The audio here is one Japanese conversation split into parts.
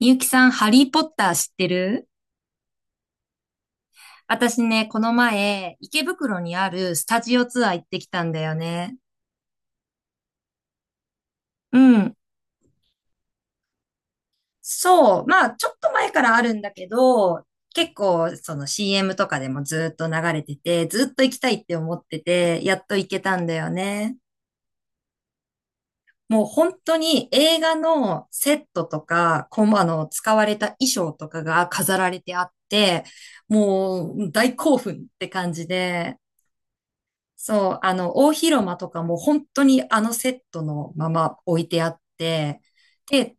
みゆきさん、ハリーポッター知ってる？私ね、この前、池袋にあるスタジオツアー行ってきたんだよね。うん。そう。まあ、ちょっと前からあるんだけど、結構、その CM とかでもずっと流れてて、ずっと行きたいって思ってて、やっと行けたんだよね。もう本当に映画のセットとか、使われた衣装とかが飾られてあって、もう大興奮って感じで、そう、大広間とかも本当にあのセットのまま置いてあって、で、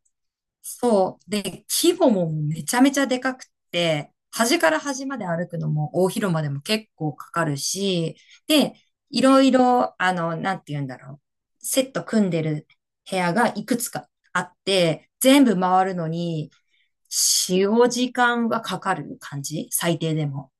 そう、で、規模もめちゃめちゃでかくて、端から端まで歩くのも大広間でも結構かかるし、で、いろいろ、あの、なんて言うんだろう、セット組んでる部屋がいくつかあって、全部回るのに使用時間はかかる感じ、最低でも。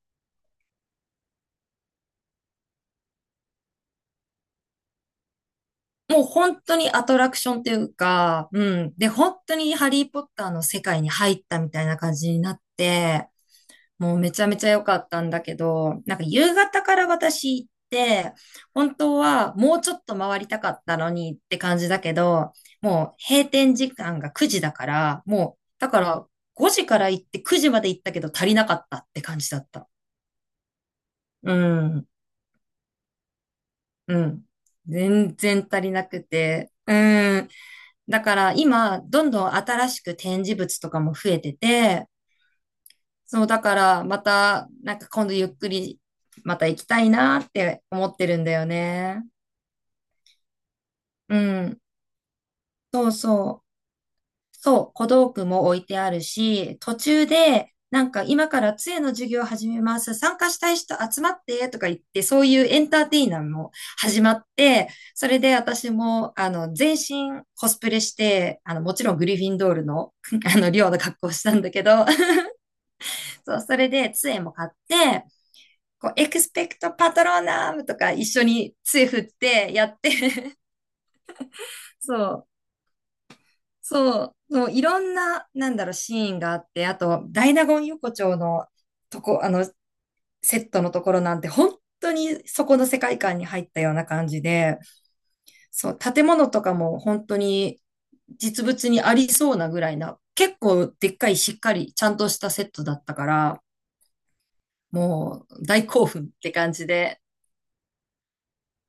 もう本当にアトラクションというか、うん。で、本当にハリーポッターの世界に入ったみたいな感じになって、もうめちゃめちゃ良かったんだけど、なんか夕方から私行って、本当はもうちょっと回りたかったのにって感じだけど、もう閉店時間が9時だから、もう、だから5時から行って9時まで行ったけど足りなかったって感じだった。うん、うん。全然足りなくて、うん。だから今、どんどん新しく展示物とかも増えてて、そう、だからまた、なんか今度ゆっくりまた行きたいなって思ってるんだよね。うん。そうそう。そう、小道具も置いてあるし、途中で、なんか今から杖の授業を始めます。参加したい人集まってとか言って、そういうエンターテイナーも始まって、それで私も、全身コスプレして、もちろんグリフィンドールの、寮の格好をしたんだけど、そう、それで杖も買って、こう、エクスペクトパトローナームとか一緒に杖振ってやって、そう、そう、いろんな、なんだろう、シーンがあって、あと、ダイナゴン横丁のとこ、セットのところなんて、本当にそこの世界観に入ったような感じで、そう、建物とかも本当に実物にありそうなぐらいな、結構でっかいしっかりちゃんとしたセットだったから、もう大興奮って感じで、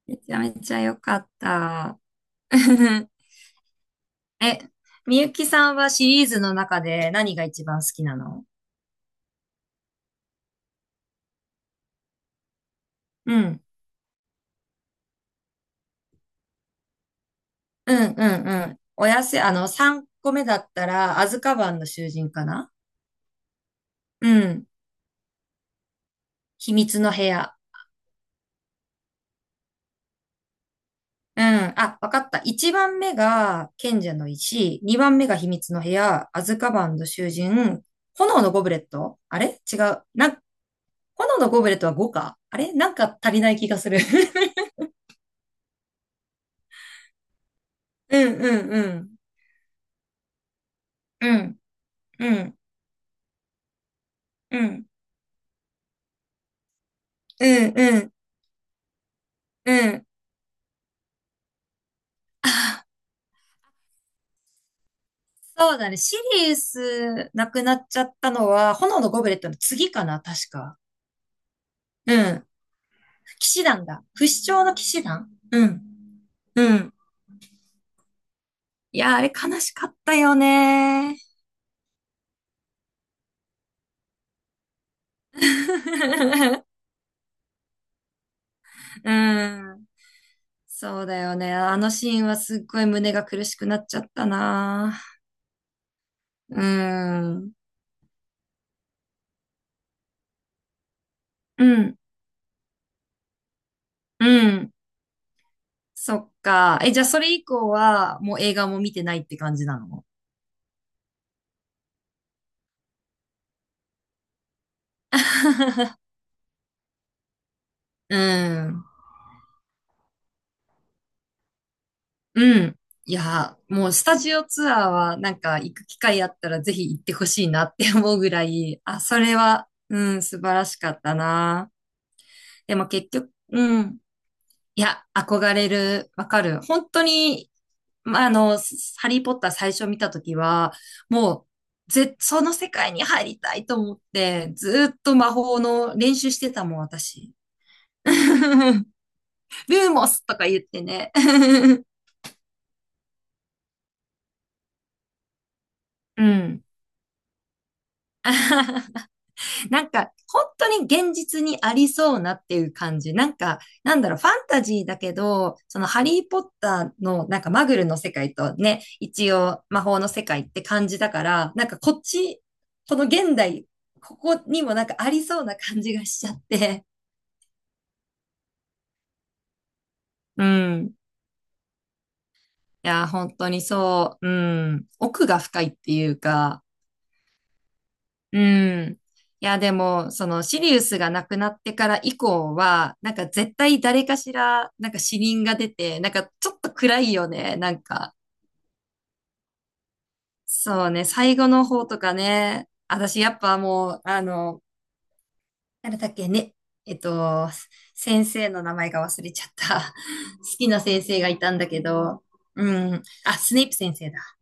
めちゃめちゃ良かった。え、みゆきさんはシリーズの中で何が一番好きなの？うん。うん、うん、うん。おやせ、3個目だったら、アズカバンの囚人かな？うん。秘密の部屋。うん。あ、わかった。1番目が賢者の石、2番目が秘密の部屋、アズカバンの囚人、炎のゴブレット、あれ違う。なん、炎のゴブレットは5かあれ、なんか足りない気がする。うん、うん、うん。うん、うん。うん、うん、うん、うん。そうだね。シリウスなくなっちゃったのは、炎のゴブレットの次かな、確か。うん、騎士団だ。不死鳥の騎士団、うん、うん。いやあれ悲しかったよね。 うん。そうだよね。あのシーンはすっごい胸が苦しくなっちゃったな。うん。うん、うん。そっか。え、じゃあそれ以降は、もう映画も見てないって感じなの？ うん。うん。いや、もうスタジオツアーはなんか行く機会あったらぜひ行ってほしいなって思うぐらい、あ、それは、うん、素晴らしかったな。でも結局、うん。いや、憧れる。わかる。本当に、まあ、ハリーポッター最初見たときは、もう、ぜ、その世界に入りたいと思って、ずっと魔法の練習してたもん、私。ルーモスとか言ってね。うん。なんか、本当に現実にありそうなっていう感じ。なんか、なんだろう、ファンタジーだけど、そのハリーポッターのなんかマグルの世界とね、一応魔法の世界って感じだから、なんかこっち、この現代、ここにもなんかありそうな感じがしちゃって。うん。いや、本当にそう。うん。奥が深いっていうか、うん。いや、でも、その、シリウスが亡くなってから以降は、なんか絶対誰かしら、なんか死人が出て、なんかちょっと暗いよね、なんか。そうね、最後の方とかね、私やっぱもう、なんだっけね、えっと、先生の名前が忘れちゃった。好きな先生がいたんだけど、うん、あ、スネイプ先生だ。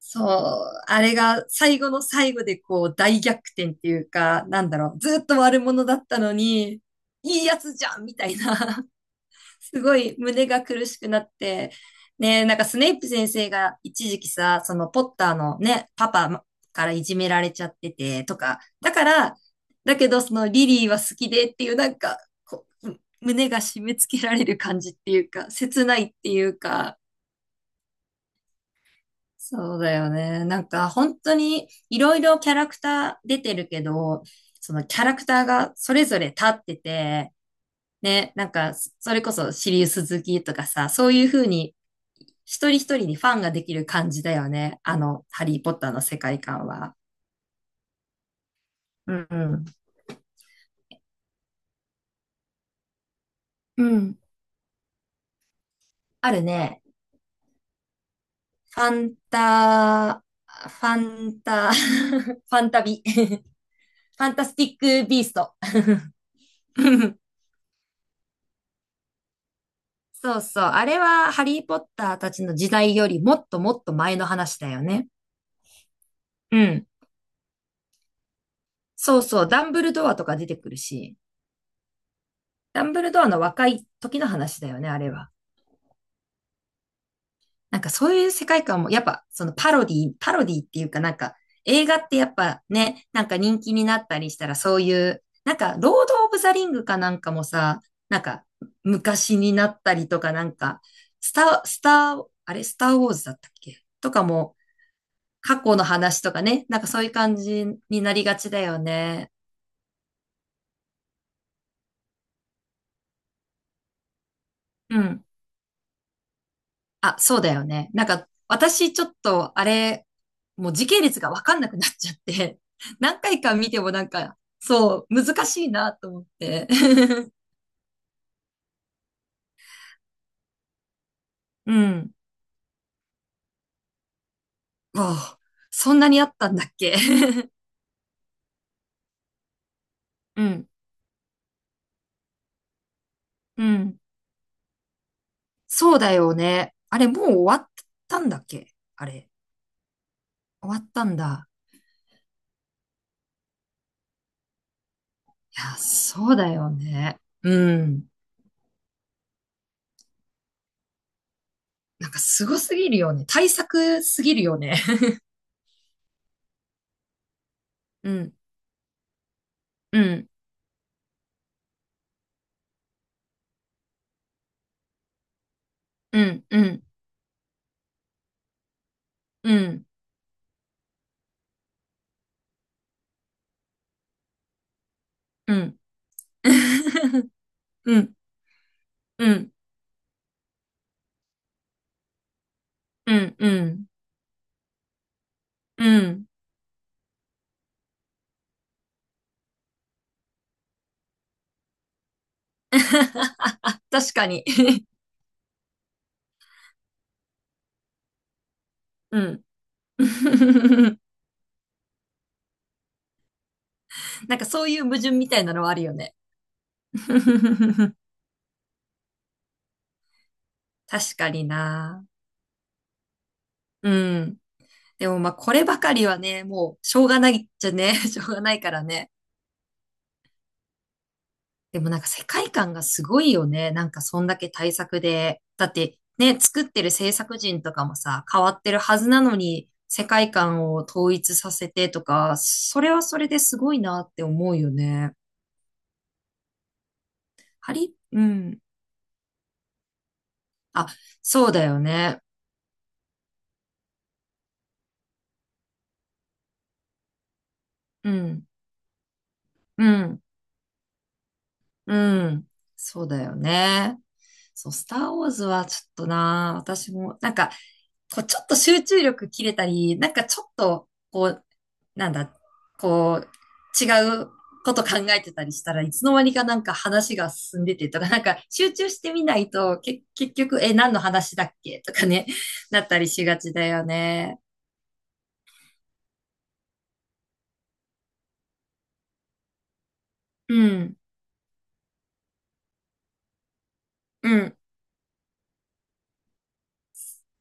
そう、あれが最後の最後でこう大逆転っていうか、なんだろう、ずっと悪者だったのに、いいやつじゃんみたいな、すごい胸が苦しくなって、ね、なんかスネイプ先生が一時期さ、そのポッターのね、パパからいじめられちゃっててとか、だから、だけどそのリリーは好きでっていうなんか、こう胸が締め付けられる感じっていうか、切ないっていうか、そうだよね。なんか本当にいろいろキャラクター出てるけど、そのキャラクターがそれぞれ立ってて、ね、なんかそれこそシリウス好きとかさ、そういう風に一人一人にファンができる感じだよね。ハリー・ポッターの世界観は。うんうん。うん。あるね。ファンタ、ファンタ、ファンタビ、ファンタスティック・ビースト。そうそう。あれはハリーポッターたちの時代よりもっともっと前の話だよね。うん。そうそう。ダンブルドアとか出てくるし、ダンブルドアの若い時の話だよね、あれは。なんかそういう世界観も、やっぱそのパロディ、パロディっていうかなんか映画ってやっぱね、なんか人気になったりしたらそういう、なんかロード・オブ・ザ・リングかなんかもさ、なんか昔になったりとかなんか、スター、スター、あれ、スター・ウォーズだったっけとかも、過去の話とかね、なんかそういう感じになりがちだよね。うん。あ、そうだよね。なんか私ちょっとあれ、もう時系列がわかんなくなっちゃって、何回か見てもなんか、そう、難しいなと思って。うん。わあ、そんなにあったんだっけ？ うん。うん。そうだよね。あれ、もう終わったんだっけ、あれ。終わったんだ。いや、そうだよね。うん。なんかすごすぎるよね。対策すぎるよね。うん、うん、うん、うん、うん、うん。うん、うん、うん、うん、うん。確かに。うん。なんかそういう矛盾みたいなのはあるよね。確かにな。うん。でもまあこればかりはね、もうしょうがないっちゃね、しょうがないからね。でもなんか世界観がすごいよね。なんかそんだけ対策で。だってね、作ってる制作人とかもさ、変わってるはずなのに、世界観を統一させてとか、それはそれですごいなって思うよね。ハリ、うん。あ、そうだよね。うん、うん、うん。そうだよね。そう、スターウォーズはちょっとな、私も、なんか、こう、ちょっと集中力切れたり、なんかちょっと、こう、なんだ、こう、違うこと考えてたりしたらいつの間にかなんか話が進んでてとか、なんか集中してみないと、け、結局、え、何の話だっけとかね、なったりしがちだよね。うん、うん、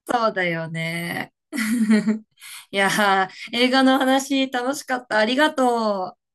そうだよね。いやー、映画の話楽しかった。ありがとう。